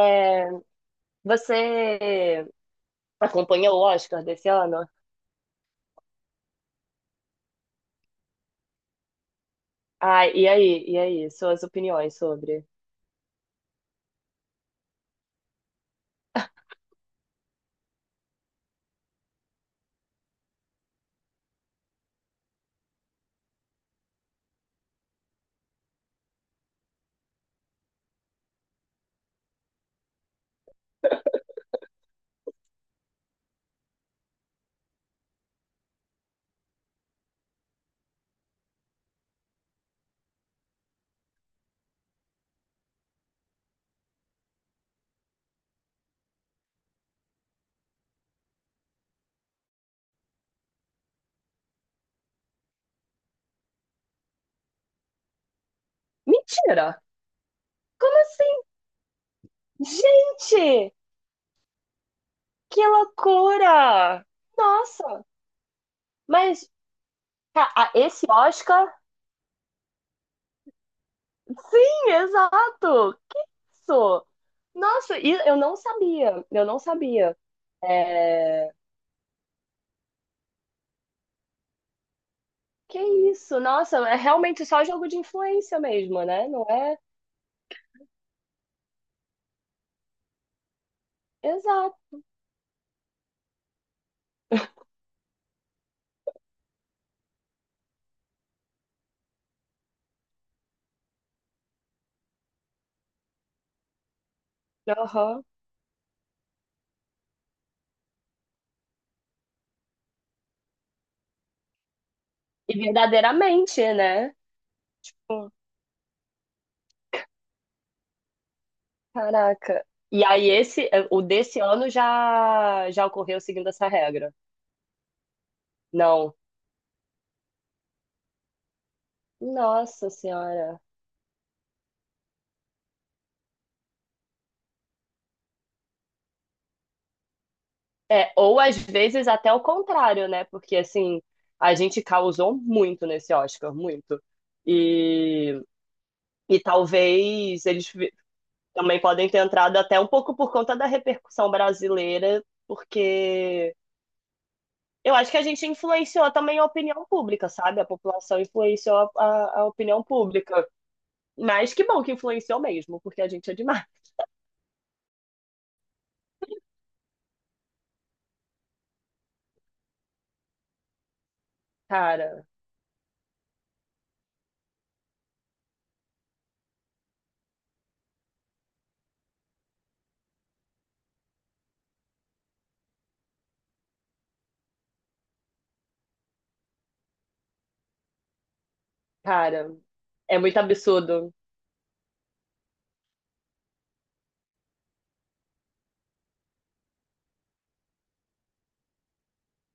É, você acompanhou o Oscar desse ano? Ah, e aí? E aí? Suas opiniões sobre? Mentira! Como assim? Gente! Que loucura! Nossa! Mas esse Oscar? Sim, exato! Que isso? Nossa, e eu não sabia. Eu não sabia. É... Que isso? Nossa, é realmente só jogo de influência mesmo, né? Não é? Exato. Aham. E verdadeiramente, né? Sim. Caraca. E aí esse, o desse ano já ocorreu seguindo essa regra. Não. Nossa Senhora. É, ou às vezes até o contrário, né? Porque assim, a gente causou muito nesse Oscar, muito. E, e talvez eles vi- também podem ter entrado até um pouco por conta da repercussão brasileira, porque eu acho que a gente influenciou também a opinião pública, sabe? A população influenciou a opinião pública. Mas que bom que influenciou mesmo, porque a gente é demais. Cara, cara, é muito absurdo.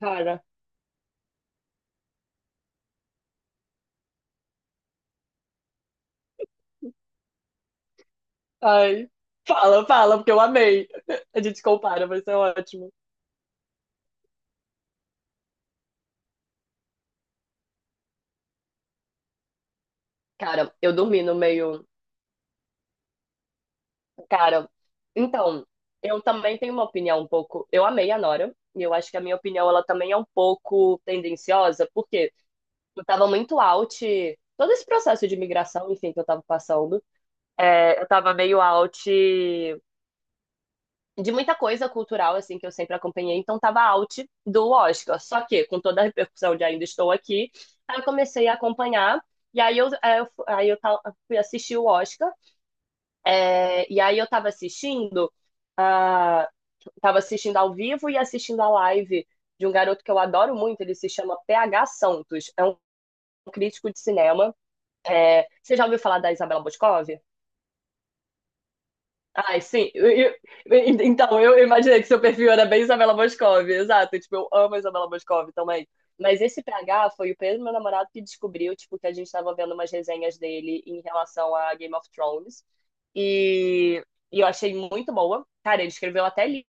Cara, ai. Fala, fala, porque eu amei. A gente compara, vai ser ótimo. Cara, eu dormi no meio. Cara, então, eu também tenho uma opinião um pouco. Eu amei a Nora, e eu acho que a minha opinião ela também é um pouco tendenciosa, porque eu tava muito out. Todo esse processo de imigração, enfim, que eu tava passando, eu tava meio out de muita coisa cultural, assim, que eu sempre acompanhei, então tava out do Oscar. Só que, com toda a repercussão de ainda estou aqui, aí eu comecei a acompanhar, e aí eu, aí eu, aí eu ta- fui assistir o Oscar, e aí eu tava assistindo, ah, tava assistindo ao vivo e assistindo a live de um garoto que eu adoro muito, ele se chama PH Santos, é um crítico de cinema. É, você já ouviu falar da Isabela Boscov? Ai, sim. Então, eu imaginei que seu perfil era bem Isabela Boscov, exato. Tipo, eu amo a Isabela Boscov também. Mas esse PH foi o mesmo meu namorado que descobriu, tipo, que a gente estava vendo umas resenhas dele em relação a Game of Thrones. E, e eu achei muito boa. Cara, ele escreveu até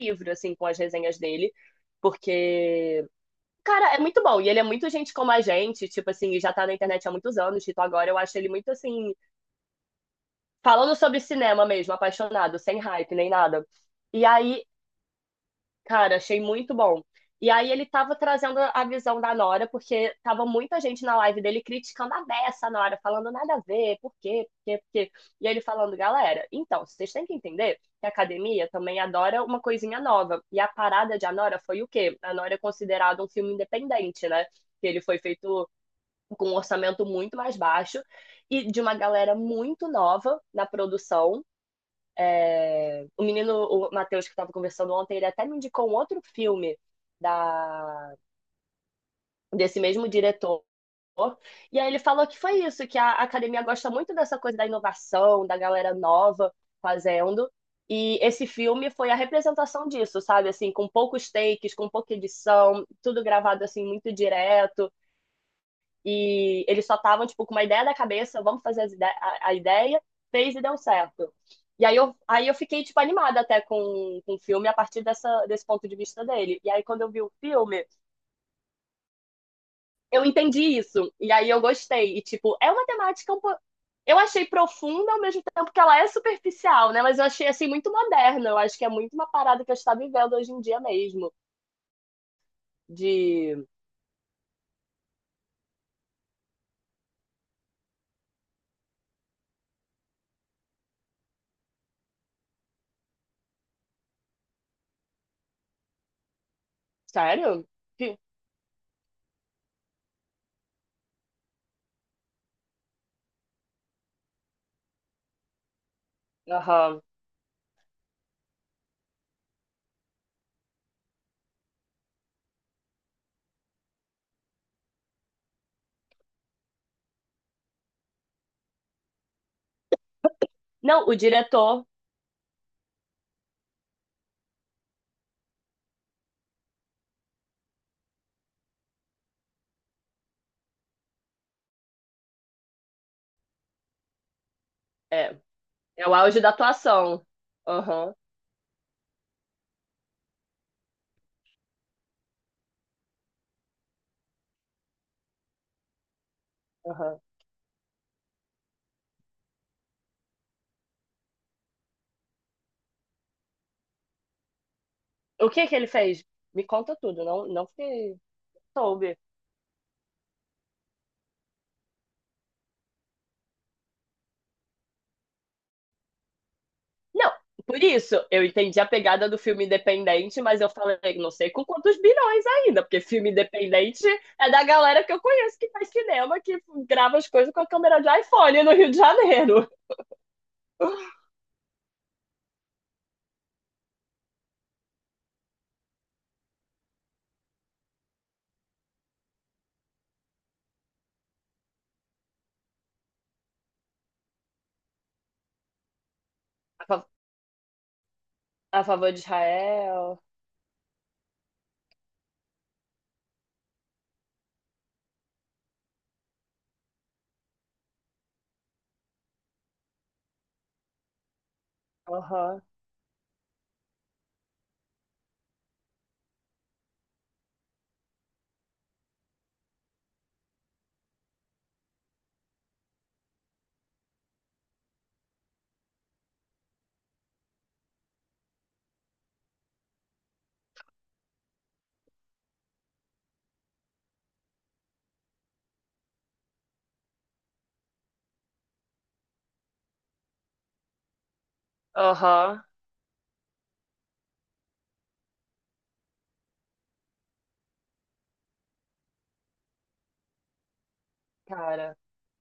livro, assim, com as resenhas dele. Porque, cara, é muito bom. E ele é muito gente como a gente, tipo assim, e já tá na internet há muitos anos. Tipo, agora eu acho ele muito assim, falando sobre cinema mesmo, apaixonado, sem hype nem nada. E aí, cara, achei muito bom. E aí ele tava trazendo a visão da Nora, porque tava muita gente na live dele criticando a beça a Nora, falando nada a ver, por quê, por quê, por quê. E ele falando, galera, então, vocês têm que entender que a academia também adora uma coisinha nova. E a parada de A Nora foi o quê? A Nora é considerado um filme independente, né? Que ele foi feito com um orçamento muito mais baixo e de uma galera muito nova na produção. O menino, o Matheus, que estava conversando ontem, ele até me indicou um outro filme da, desse mesmo diretor. E aí ele falou que foi isso, que a academia gosta muito dessa coisa da inovação, da galera nova fazendo. E esse filme foi a representação disso, sabe? Assim, com poucos takes, com pouca edição, tudo gravado assim muito direto. E eles só estavam, tipo, com uma ideia na cabeça, vamos fazer a ideia, fez e deu certo. E aí eu fiquei, tipo, animada até com o filme a partir desse ponto de vista dele. E aí quando eu vi o filme, eu entendi isso. E aí eu gostei. E, tipo, é uma temática Eu achei profunda ao mesmo tempo que ela é superficial, né? Mas eu achei, assim, muito moderna. Eu acho que é muito uma parada que a gente tá vivendo hoje em dia mesmo. De... Sério? Aham. Não, o diretor... é, é o auge da atuação. Aham, aham. O que que ele fez? Me conta tudo, não, não fiquei... soube. Não, por isso, eu entendi a pegada do filme independente, mas eu falei, não sei com quantos bilhões ainda, porque filme independente é da galera que eu conheço que faz cinema, que grava as coisas com a câmera de iPhone no Rio de Janeiro. A fa- a favor de Israel. Aham, aham. Cara.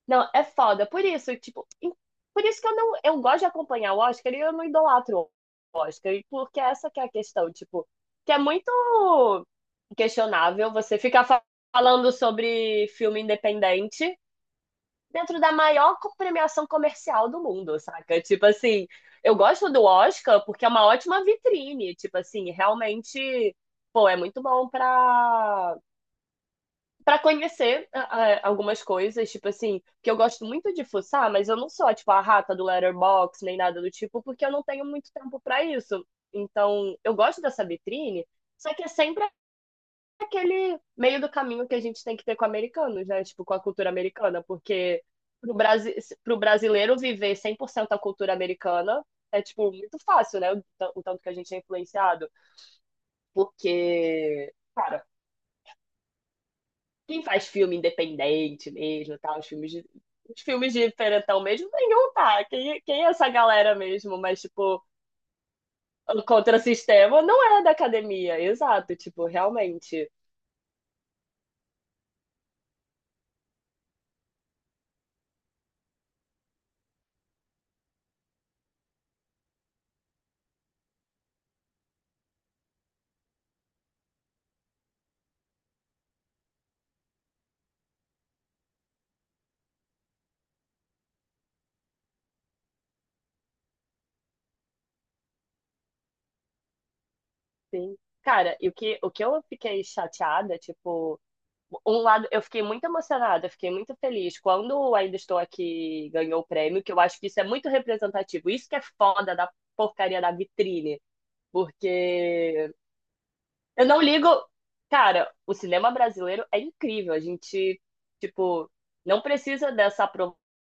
Não, é foda. Por isso, tipo, por isso que eu não, eu gosto de acompanhar o Oscar e eu não idolatro o Oscar, e porque essa que é a questão, tipo, que é muito questionável você ficar falando sobre filme independente dentro da maior premiação comercial do mundo, saca? Tipo assim, eu gosto do Oscar porque é uma ótima vitrine, tipo assim, realmente, pô, é muito bom pra para conhecer algumas coisas, tipo assim, que eu gosto muito de fuçar, mas eu não sou, tipo, a rata do Letterboxd, nem nada do tipo, porque eu não tenho muito tempo para isso. Então, eu gosto dessa vitrine, só que é sempre aquele meio do caminho que a gente tem que ter com americanos, né? Tipo, com a cultura americana, porque pro, Brasi pro brasileiro viver 100% a cultura americana é, tipo, muito fácil, né? O, o tanto que a gente é influenciado, porque, cara, quem faz filme independente mesmo, tal, os filmes de diferentão mesmo, nenhum tá. Quem é essa galera mesmo? Mas, tipo, contra o sistema não é da academia, exato, tipo, realmente. Sim. Cara, e o que eu fiquei chateada, tipo, um lado, eu fiquei muito emocionada, eu fiquei muito feliz quando o Ainda Estou Aqui ganhou o prêmio, que eu acho que isso é muito representativo. Isso que é foda da porcaria da vitrine, porque eu não ligo. Cara, o cinema brasileiro é incrível. A gente, tipo, não precisa dessa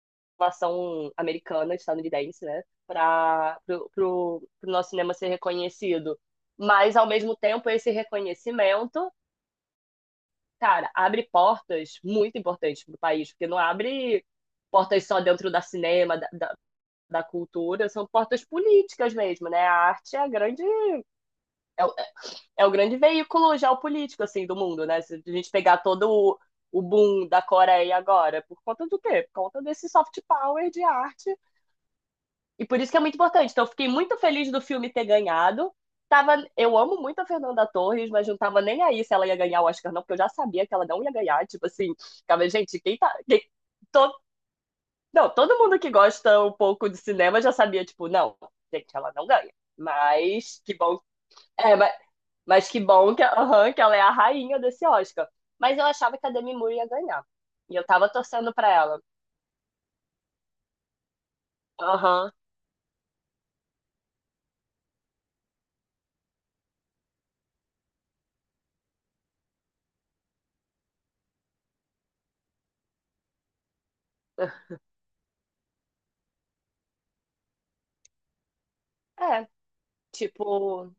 aprovação americana, estadunidense, né? Para pro nosso cinema ser reconhecido. Mas, ao mesmo tempo, esse reconhecimento, cara, abre portas muito importantes para o país, porque não abre portas só dentro da cinema, da cultura, são portas políticas mesmo, né? A arte é a grande. É o grande veículo geopolítico, assim, do mundo, né? Se a gente pegar o boom da Coreia agora, por conta do quê? Por conta desse soft power de arte. E por isso que é muito importante. Então, eu fiquei muito feliz do filme ter ganhado. Tava, eu amo muito a Fernanda Torres, mas não tava nem aí se ela ia ganhar o Oscar, não, porque eu já sabia que ela não ia ganhar. Tipo assim, ficava, gente, quem tá. To, não, todo mundo que gosta um pouco de cinema já sabia, tipo, não, gente, ela não ganha. Mas que bom. É, mas que bom que, aham, que ela é a rainha desse Oscar. Mas eu achava que a Demi Moore ia ganhar. E eu tava torcendo pra ela. Aham. É, tipo,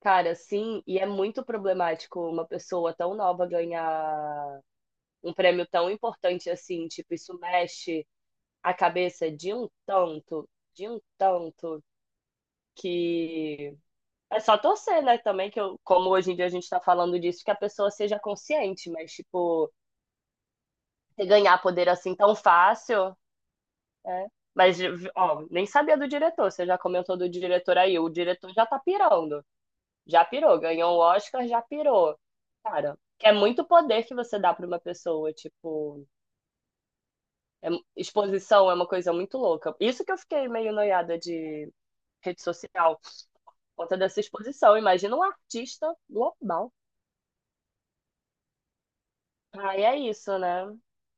cara, sim, e é muito problemático uma pessoa tão nova ganhar um prêmio tão importante assim, tipo, isso mexe a cabeça de um tanto, que é só torcer, né, também, que eu, como hoje em dia a gente tá falando disso, que a pessoa seja consciente, mas, tipo, você ganhar poder assim tão fácil, é. Mas, ó, nem sabia do diretor. Você já comentou do diretor aí. O diretor já tá pirando. Já pirou. Ganhou o Oscar, já pirou. Cara, que é muito poder que você dá pra uma pessoa. Tipo, é- exposição é uma coisa muito louca. Isso que eu fiquei meio noiada de rede social, por conta dessa exposição. Imagina um artista global. Aí é isso, né?